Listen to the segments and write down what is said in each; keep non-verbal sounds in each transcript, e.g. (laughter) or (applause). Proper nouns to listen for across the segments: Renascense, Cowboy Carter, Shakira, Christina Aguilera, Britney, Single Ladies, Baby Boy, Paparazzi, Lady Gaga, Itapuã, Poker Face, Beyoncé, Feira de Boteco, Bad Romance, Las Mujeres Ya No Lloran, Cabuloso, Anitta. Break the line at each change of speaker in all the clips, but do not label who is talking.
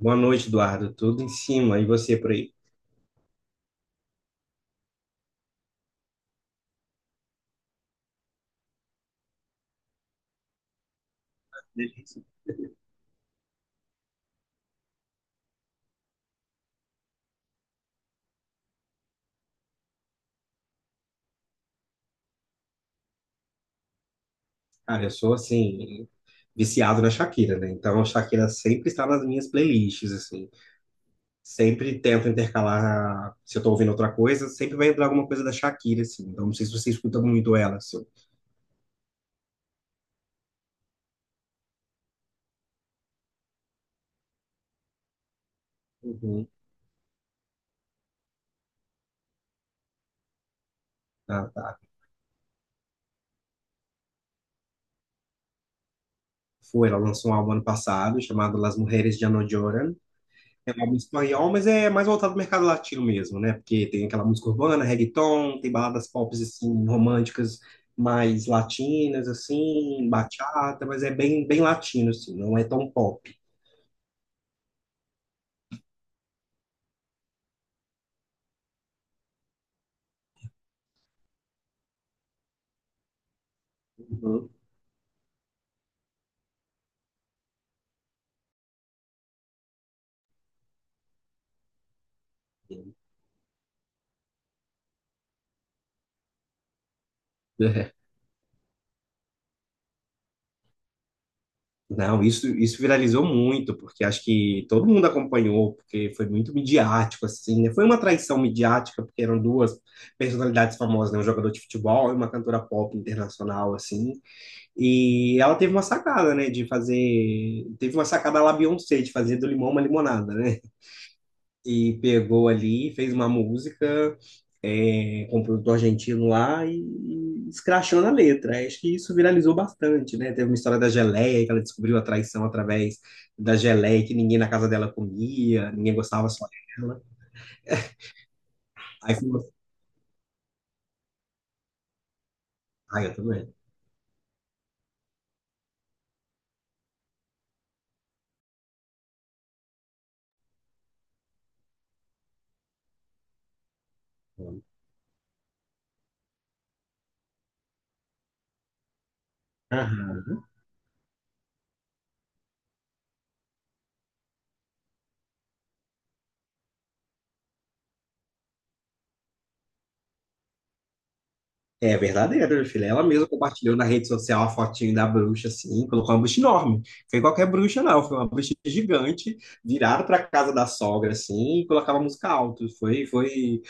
Boa noite, Eduardo. Tudo em cima. E você por aí? Delícia. Cara, eu sou, assim, viciado na Shakira, né? Então, a Shakira sempre está nas minhas playlists, assim. Sempre tento intercalar, se eu tô ouvindo outra coisa, sempre vai entrar alguma coisa da Shakira, assim. Então, não sei se você escuta muito ela, assim. Uhum. Ah, tá. Foi, ela lançou um álbum ano passado chamado Las Mujeres Ya No Lloran. É um álbum espanhol, mas é mais voltado ao mercado latino mesmo, né? Porque tem aquela música urbana, reggaeton, tem baladas pop assim, românticas mais latinas, assim, bachata, mas é bem, bem latino, assim, não é tão pop. Uhum. É. Não, isso viralizou muito, porque acho que todo mundo acompanhou, porque foi muito midiático, assim, né? Foi uma traição midiática, porque eram duas personalidades famosas, né? Um jogador de futebol e uma cantora pop internacional, assim. E ela teve uma sacada, né, de fazer, teve uma sacada lá Beyoncé, de fazer do limão uma limonada, né? E pegou ali, fez uma música com um produtor argentino lá e escrachou na letra. Acho que isso viralizou bastante, né? Teve uma história da geleia, que ela descobriu a traição através da geleia, que ninguém na casa dela comia, ninguém gostava só dela. Aí foi uma. Ah, eu também. Aham. É verdadeiro, meu filho. Ela mesma compartilhou na rede social a fotinho da bruxa, assim, colocou uma bruxa enorme. Foi qualquer bruxa, não. Foi uma bruxa gigante, virada para casa da sogra, assim, e colocava música alto. Foi, foi,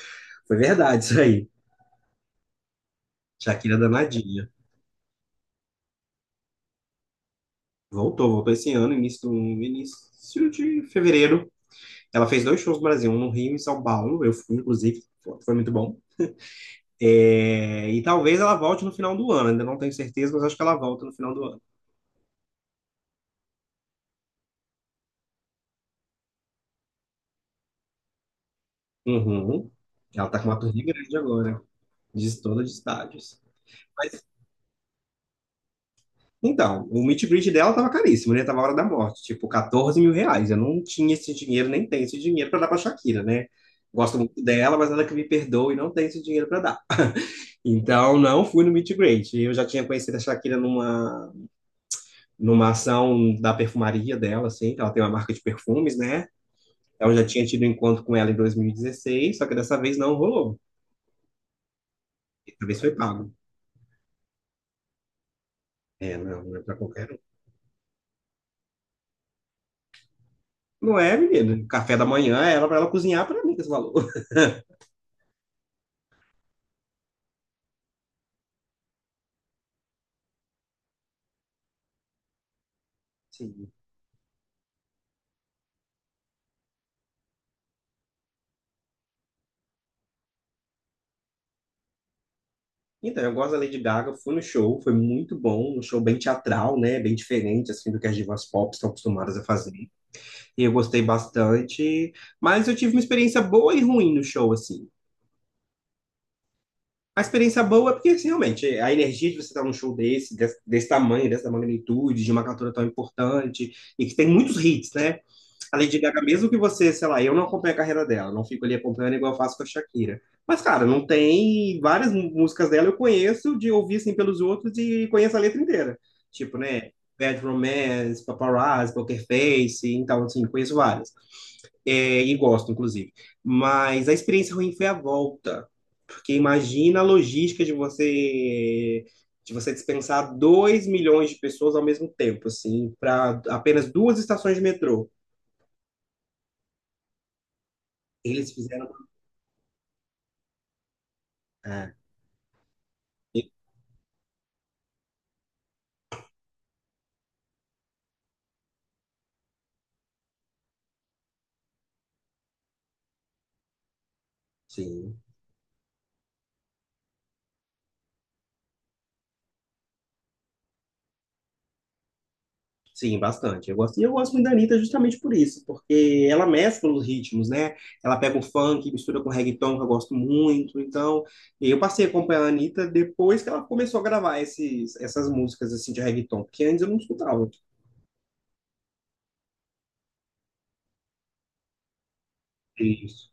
foi verdade isso aí. Shakira danadinha. Voltou esse ano, início, início de fevereiro. Ela fez dois shows no Brasil, um no Rio e em São Paulo. Eu fui, inclusive, foi muito bom. É, e talvez ela volte no final do ano. Ainda não tenho certeza, mas acho que ela volta no final do ano. Uhum. Ela tá com uma turnê grande agora, de todos os estádios. Mas, então, o meet and greet dela tava caríssimo, né? Tava a hora da morte, tipo, 14 mil reais. Eu não tinha esse dinheiro, nem tenho esse dinheiro para dar pra Shakira, né? Gosto muito dela, mas ela que me perdoa e não tem esse dinheiro para dar. Então, não fui no meet and greet. Eu já tinha conhecido a Shakira numa ação da perfumaria dela, assim, que ela tem uma marca de perfumes, né? Então, eu já tinha tido um encontro com ela em 2016, só que dessa vez não rolou. Talvez foi pago. É, não, não é pra qualquer um. Não é, menino. Café da manhã era pra ela cozinhar pra mim, com esse valor. Sim. Então, eu gosto da Lady Gaga, fui no show, foi muito bom, um show bem teatral, né, bem diferente, assim, do que as divas pop estão acostumadas a fazer, e eu gostei bastante, mas eu tive uma experiência boa e ruim no show, assim. A experiência boa é porque, assim, realmente, a energia de você estar num show desse, desse tamanho, dessa magnitude, de uma cantora tão importante, e que tem muitos hits, né. A Lady Gaga, mesmo que você, sei lá, eu não acompanho a carreira dela, não fico ali acompanhando igual eu faço com a Shakira. Mas, cara, não tem. Várias músicas dela eu conheço de ouvir assim pelos outros e conheço a letra inteira. Tipo, né? Bad Romance, Paparazzi, Poker Face, então, assim, conheço várias. É, e gosto, inclusive. Mas a experiência ruim foi a volta, porque imagina a logística de você dispensar 2 milhões de pessoas ao mesmo tempo, assim, para apenas duas estações de metrô. Eles fizeram. É, e- sim, sim, bastante. Eu gosto, e eu gosto muito da Anitta justamente por isso, porque ela mescla os ritmos, né? Ela pega o funk, mistura com reggaeton, que eu gosto muito. Então, eu passei a acompanhar a Anitta depois que ela começou a gravar essas músicas assim de reggaeton, porque antes eu não escutava isso.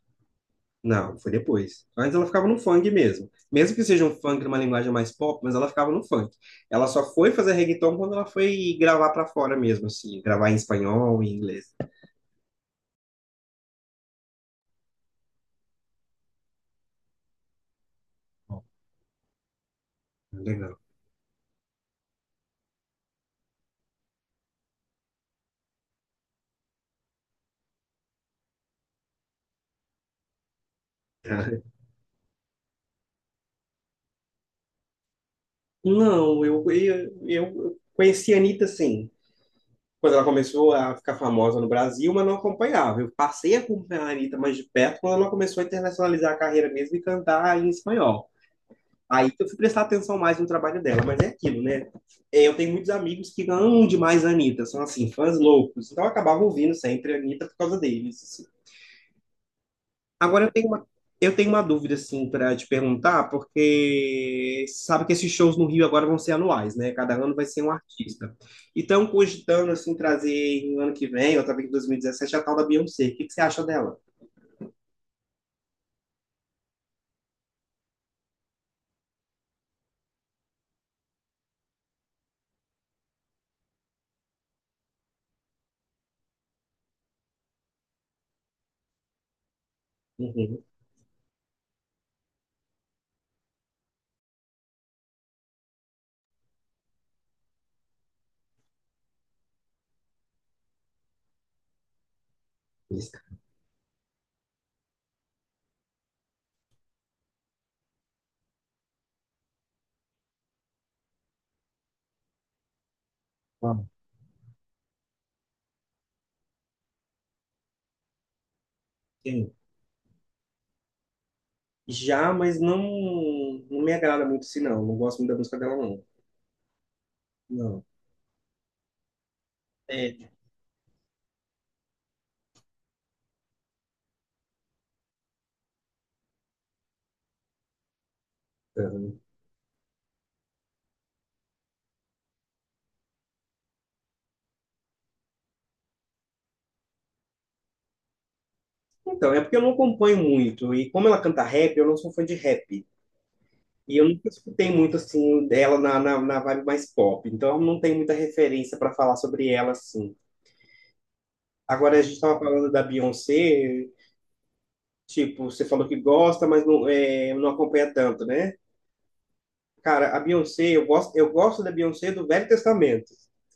Não, foi depois. Antes ela ficava no funk mesmo. Mesmo que seja um funk numa linguagem mais pop, mas ela ficava no funk. Ela só foi fazer reggaeton quando ela foi gravar pra fora mesmo, assim, gravar em espanhol, em inglês. Legal. (laughs) Não, eu conheci a Anitta, sim. Quando ela começou a ficar famosa no Brasil, mas não acompanhava. Eu passei a acompanhar a Anitta mais de perto quando ela começou a internacionalizar a carreira mesmo e cantar em espanhol. Aí que eu fui prestar atenção mais no trabalho dela, mas é aquilo, né? Eu tenho muitos amigos que amam demais a Anitta, são assim, fãs loucos. Então eu acabava ouvindo sempre a Anitta por causa deles, assim. Agora eu tenho uma dúvida assim para te perguntar, porque sabe que esses shows no Rio agora vão ser anuais, né? Cada ano vai ser um artista. Então cogitando assim trazer no ano que vem, ou talvez em 2017 a tal da Beyoncé. O que que você acha dela? Uhum. Isso. Ah, sim. Já, mas não, não me agrada muito assim, não. Não gosto muito da música dela, não. Não. É. Então, é porque eu não acompanho muito. E como ela canta rap, eu não sou fã de rap. E eu nunca escutei muito assim dela na vibe mais pop, então não tem muita referência para falar sobre ela assim. Agora a gente estava falando da Beyoncé, tipo, você falou que gosta, mas não, não acompanha tanto, né? Cara, a Beyoncé, eu gosto da Beyoncé do Velho Testamento,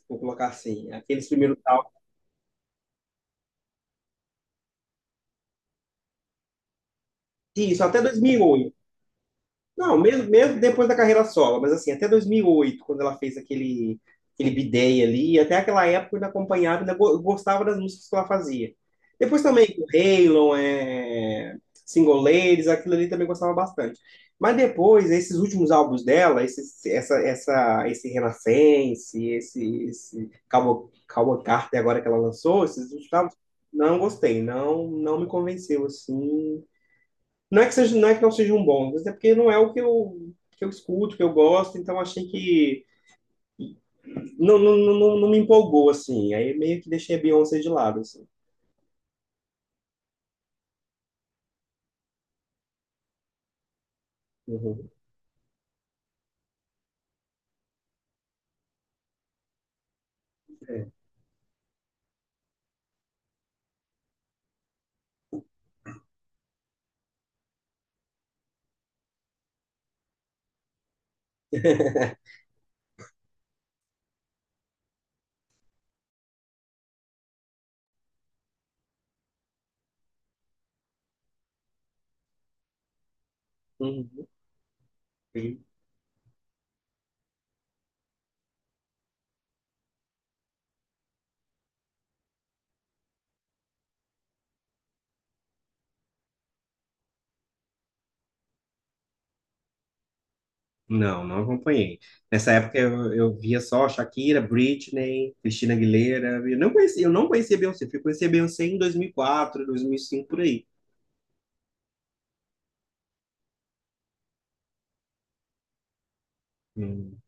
vou colocar assim, aqueles primeiros tal. Isso, até 2008. Não, mesmo, mesmo depois da carreira solo, mas assim, até 2008 quando ela fez aquele bidei ali, até aquela época eu ainda acompanhava, ainda gostava das músicas que ela fazia. Depois também com Halon, Single Ladies, aquilo ali também gostava bastante. Mas depois, esses últimos álbuns dela, esse Renascense, esse Cowboy Carter agora que ela lançou, esses últimos álbuns, não gostei, não, não me convenceu assim. Não é que seja, não é que não sejam bons, mas é porque não é o que eu escuto, que eu gosto, então achei que não me empolgou, assim. Aí meio que deixei a Beyoncé de lado, assim. Uhum. É. Uhum. Não, não acompanhei. Nessa época eu via só Shakira, Britney, Christina Aguilera. Eu não conhecia Beyoncé. Fui conhecer Beyoncé em 2004, 2005, por aí. Hum.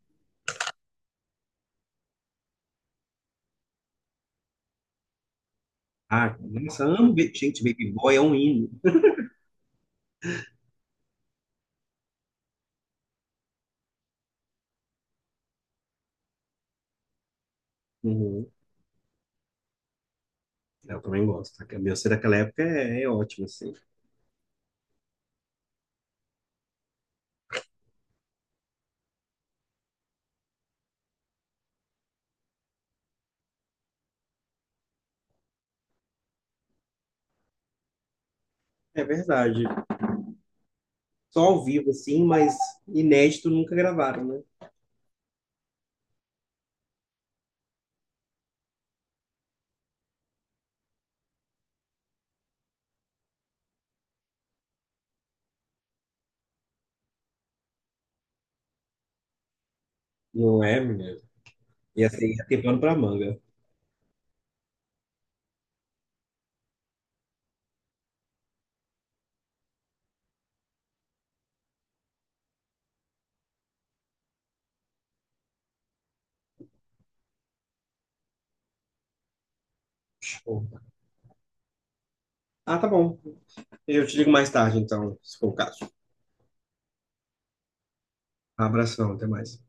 Ah, nossa, amo, gente, Baby Boy é um hino. Uhum. Eu também gosto. A Beyoncé daquela época é ótima, assim. É verdade. Só ao vivo, assim, mas inédito nunca gravaram, né? Não é, menina? Ia ter pano pra manga. Show. Ah, tá bom. Eu te ligo mais tarde, então, se for o caso. Abração, até mais.